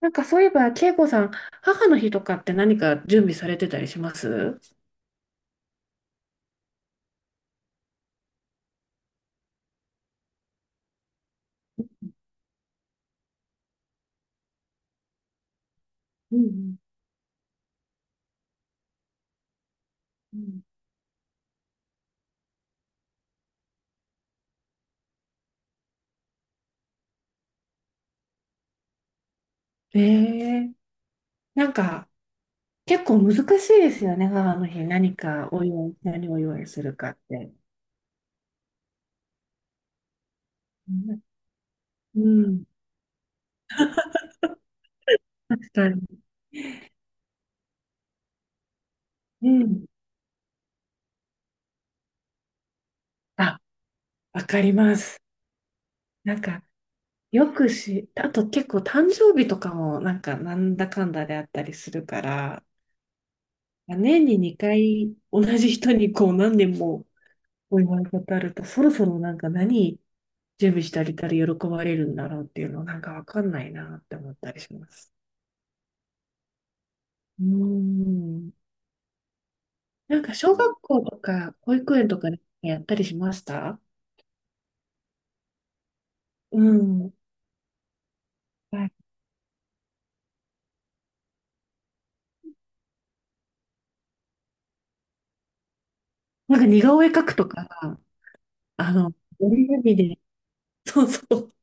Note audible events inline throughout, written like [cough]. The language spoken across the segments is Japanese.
そういえば、恵子さん、母の日とかって何か準備されてたりします？うんうん。うん。ええ。なんか結構難しいですよね、母の日。何かお祝い、何をお祝いするかって。うんうん、確かに。うん。あ、わかります。なんか、よくし、あと結構誕生日とかもなんだかんだであったりするから、年に2回同じ人にこう何年もお祝い事あると、そろそろなんか何、準備してあげたら喜ばれるんだろうっていうのなんかわかんないなって思ったりします。うーん。なんか小学校とか保育園とかでやったりしました？うん。はい。なんか似顔絵描くとか、あの、折り紙で、そうそう。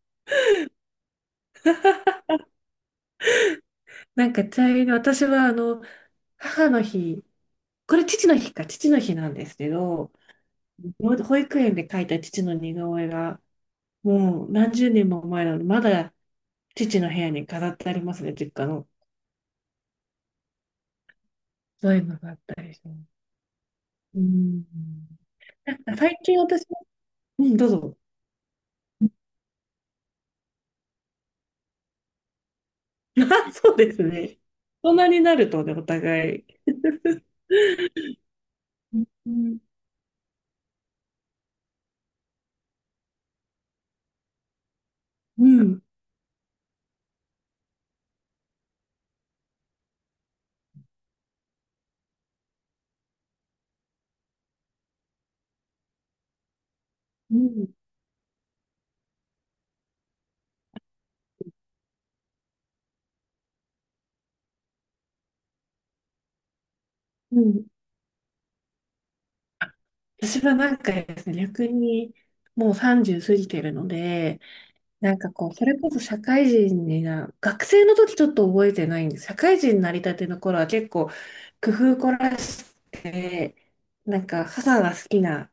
[laughs] なんかちなみに私はあの、母の日、これ父の日か、父の日なんですけど、保育園で描いた父の似顔絵が、もう何十年も前なので、まだ父の部屋に飾ってありますね、実家の。そういうのがあったりします。うん。なんか最近私も、うん、どうぞ。[laughs] あ、そうですね。大人になるとね、お互い。うん、うん。うん、うん。あ、私はなんかですね、逆にもう30過ぎてるので、なんかこう、それこそ社会人にな、学生の時ちょっと覚えてないんです。社会人になりたての頃は結構工夫凝らして、なんか母が好きな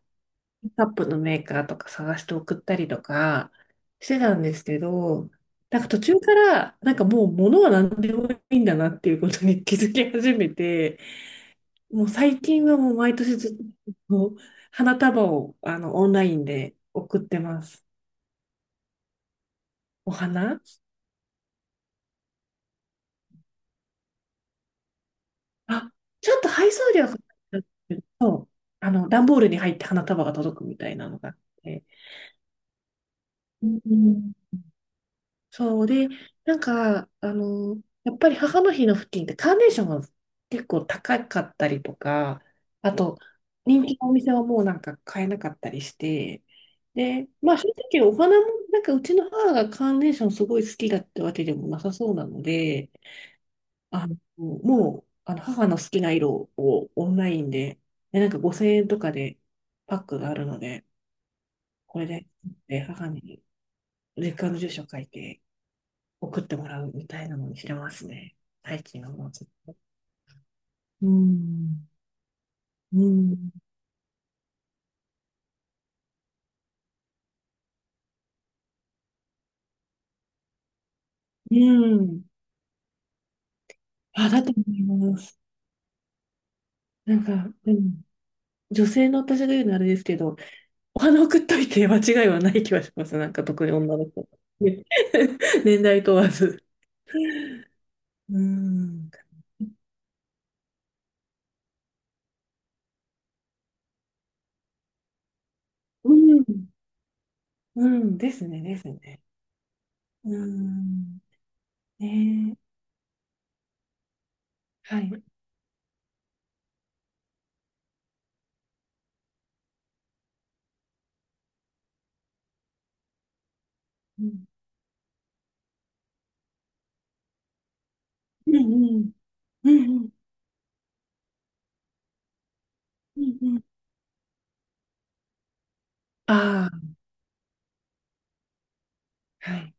カップのメーカーとか探して送ったりとかしてたんですけど、なんか途中から、なんかもう物は何でもいいんだなっていうことに気づき始めて、もう最近はもう毎年ずっと花束をあのオンラインで送ってます。お花、あ、ちょっと配送料がかかっちゃうんですけど、あの段ボールに入って花束が届くみたいなのがあって。うんうん。そうで、なんか、あの、やっぱり母の日の付近ってカーネーションが結構高かったりとか、あと、人気のお店はもうなんか買えなかったりして、で、まあ正直お花も、なんかうちの母がカーネーションすごい好きだってわけでもなさそうなので、あの、もう、あの母の好きな色をオンラインで、で、なんか5000円とかでパックがあるので、これで、で母に実家の住所書いて、送ってもらうみたいなのにしてますね。最近はもうちょっと。うん。うん。うん。あ、だと思います。なんか、うん、女性の私が言うのあれですけど、お花送っといて間違いはない気はします。なんか特に女の子ね。 [laughs] 年代問わず。うーん。うん。うん。ですね、ですね。うーん。ねえ。はい。うん。うんうん。うんうん。うんうん。ああ、はい。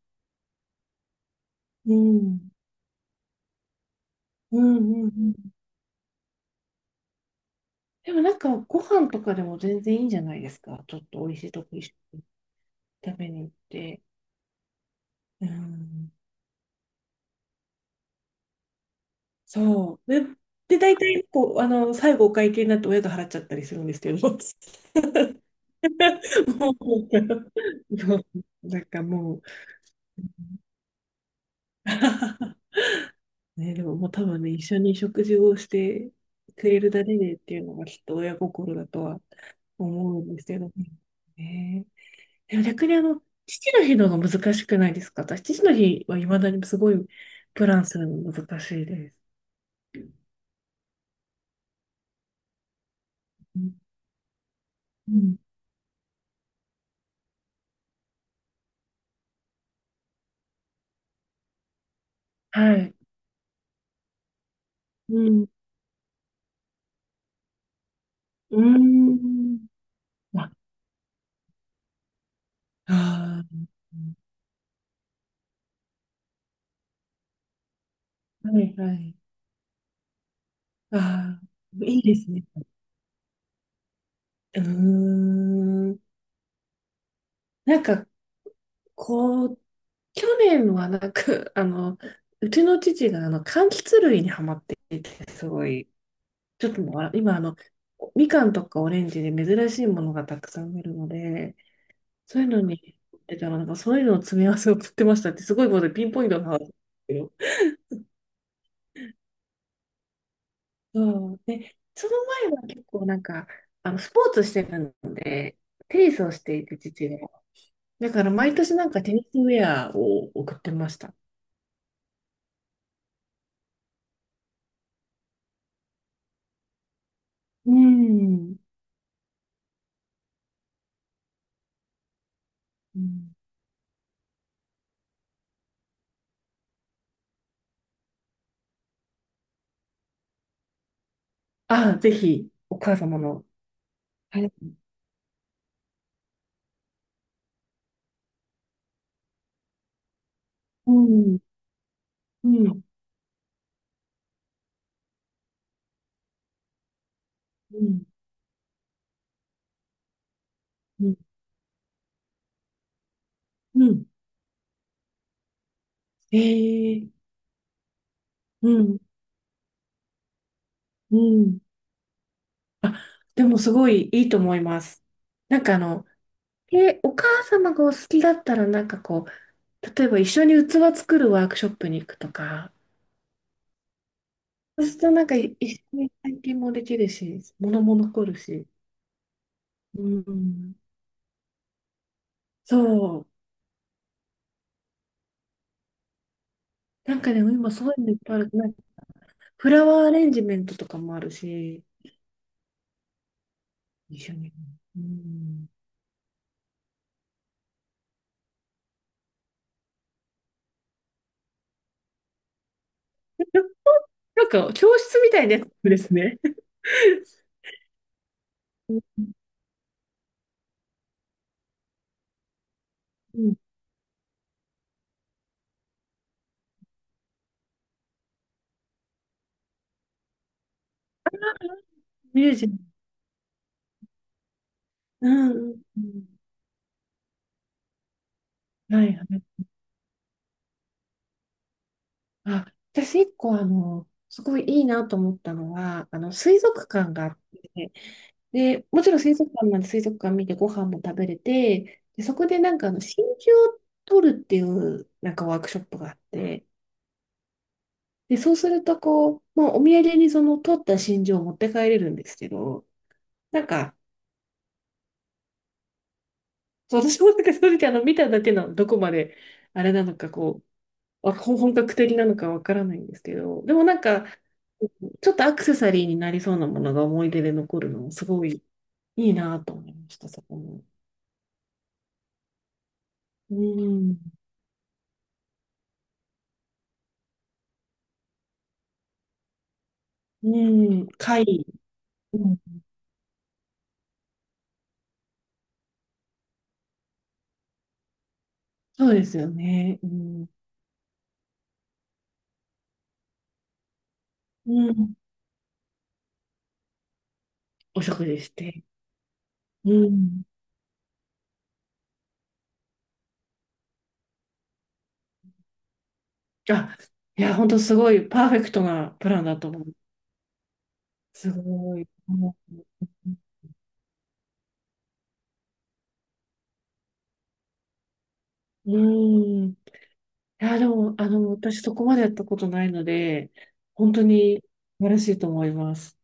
うん。うんうんうん。でもなんかご飯とかでも全然いいんじゃないですか。ちょっと美味しいとこ一緒に食べに行って。うん。そう。で、大体、こう、あの、最後お会計になって親が払っちゃったりするんですけど。[laughs] もうなんかもう、[laughs] ね、でももう多分ね、一緒に食事をしてくれるだけでっていうのがきっと親心だとは思うんですけどね。ね、でも逆にあの、父の日の方が難しくないですか？私、父の日はいまだにすごいプランするの難しいです。うんうん。はい。うん。うーん。あ、ああ、はいはい。ああ、いいですね。うーん。なんか、こう、去年はなんか、あの、うちの父があの、柑橘類にハマっていて、すごい、ちょっともう、あ、今あの、みかんとかオレンジで珍しいものがたくさん出るので、そういうのに、え、たらなんかそういうのを詰め合わせを送ってましたって、すごいことでピンポイントの話ですけど。そう。で、その前は結構なんか、あの、スポーツしてるので、テニスをしていて、父が。だから毎年なんかテニスウェアを送ってました。うん。うん。ああ、ぜひ、お母様の。はい。うん。うん。うん。うん。うん。ええ。うん。うん。あ、でもすごいいいと思います。なんかあの、え、お母様がお好きだったら、なんかこう、例えば一緒に器作るワークショップに行くとか、そうするとなんか一緒に体験もできるし、物も残るし。うん。そう。なんかね、今そういうのいっぱいある。なんかフラワーアレンジメントとかもあるし、一緒に。うん。なんか教室みたいなやつですね。うん。うん。ミュージアム。うん。うんうん。はい。あ、私一個あの、すごいいいなと思ったのは、あの、水族館があって、で、もちろん水族館なんで水族館見てご飯も食べれて、で、そこでなんかあの、真珠を取るっていうなんかワークショップがあって、で、そうするとこう、まあ、お土産にその取った真珠を持って帰れるんですけど、なんか、そう私もなんかそれであの、見ただけのどこまであれなのかこう、あ、本格的なのかわからないんですけど、でもなんか、ちょっとアクセサリーになりそうなものが思い出で残るのもすごいいいなと思いました、そこも。うん。うん。貝。うん。そうですよね。うん。うん。お食事して。うん。あ、いや、本当すごいパーフェクトなプランだと思う。すごい。もう、うん。いや、でも、あの、私そこまでやったことないので、本当に素晴らしいと思います。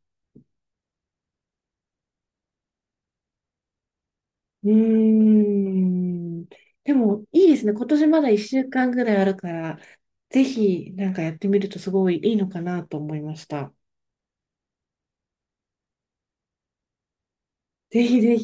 うーん。でも、いいですね。今年まだ1週間ぐらいあるから、ぜひ、なんかやってみるとすごいいいのかなと思いました。ぜひぜ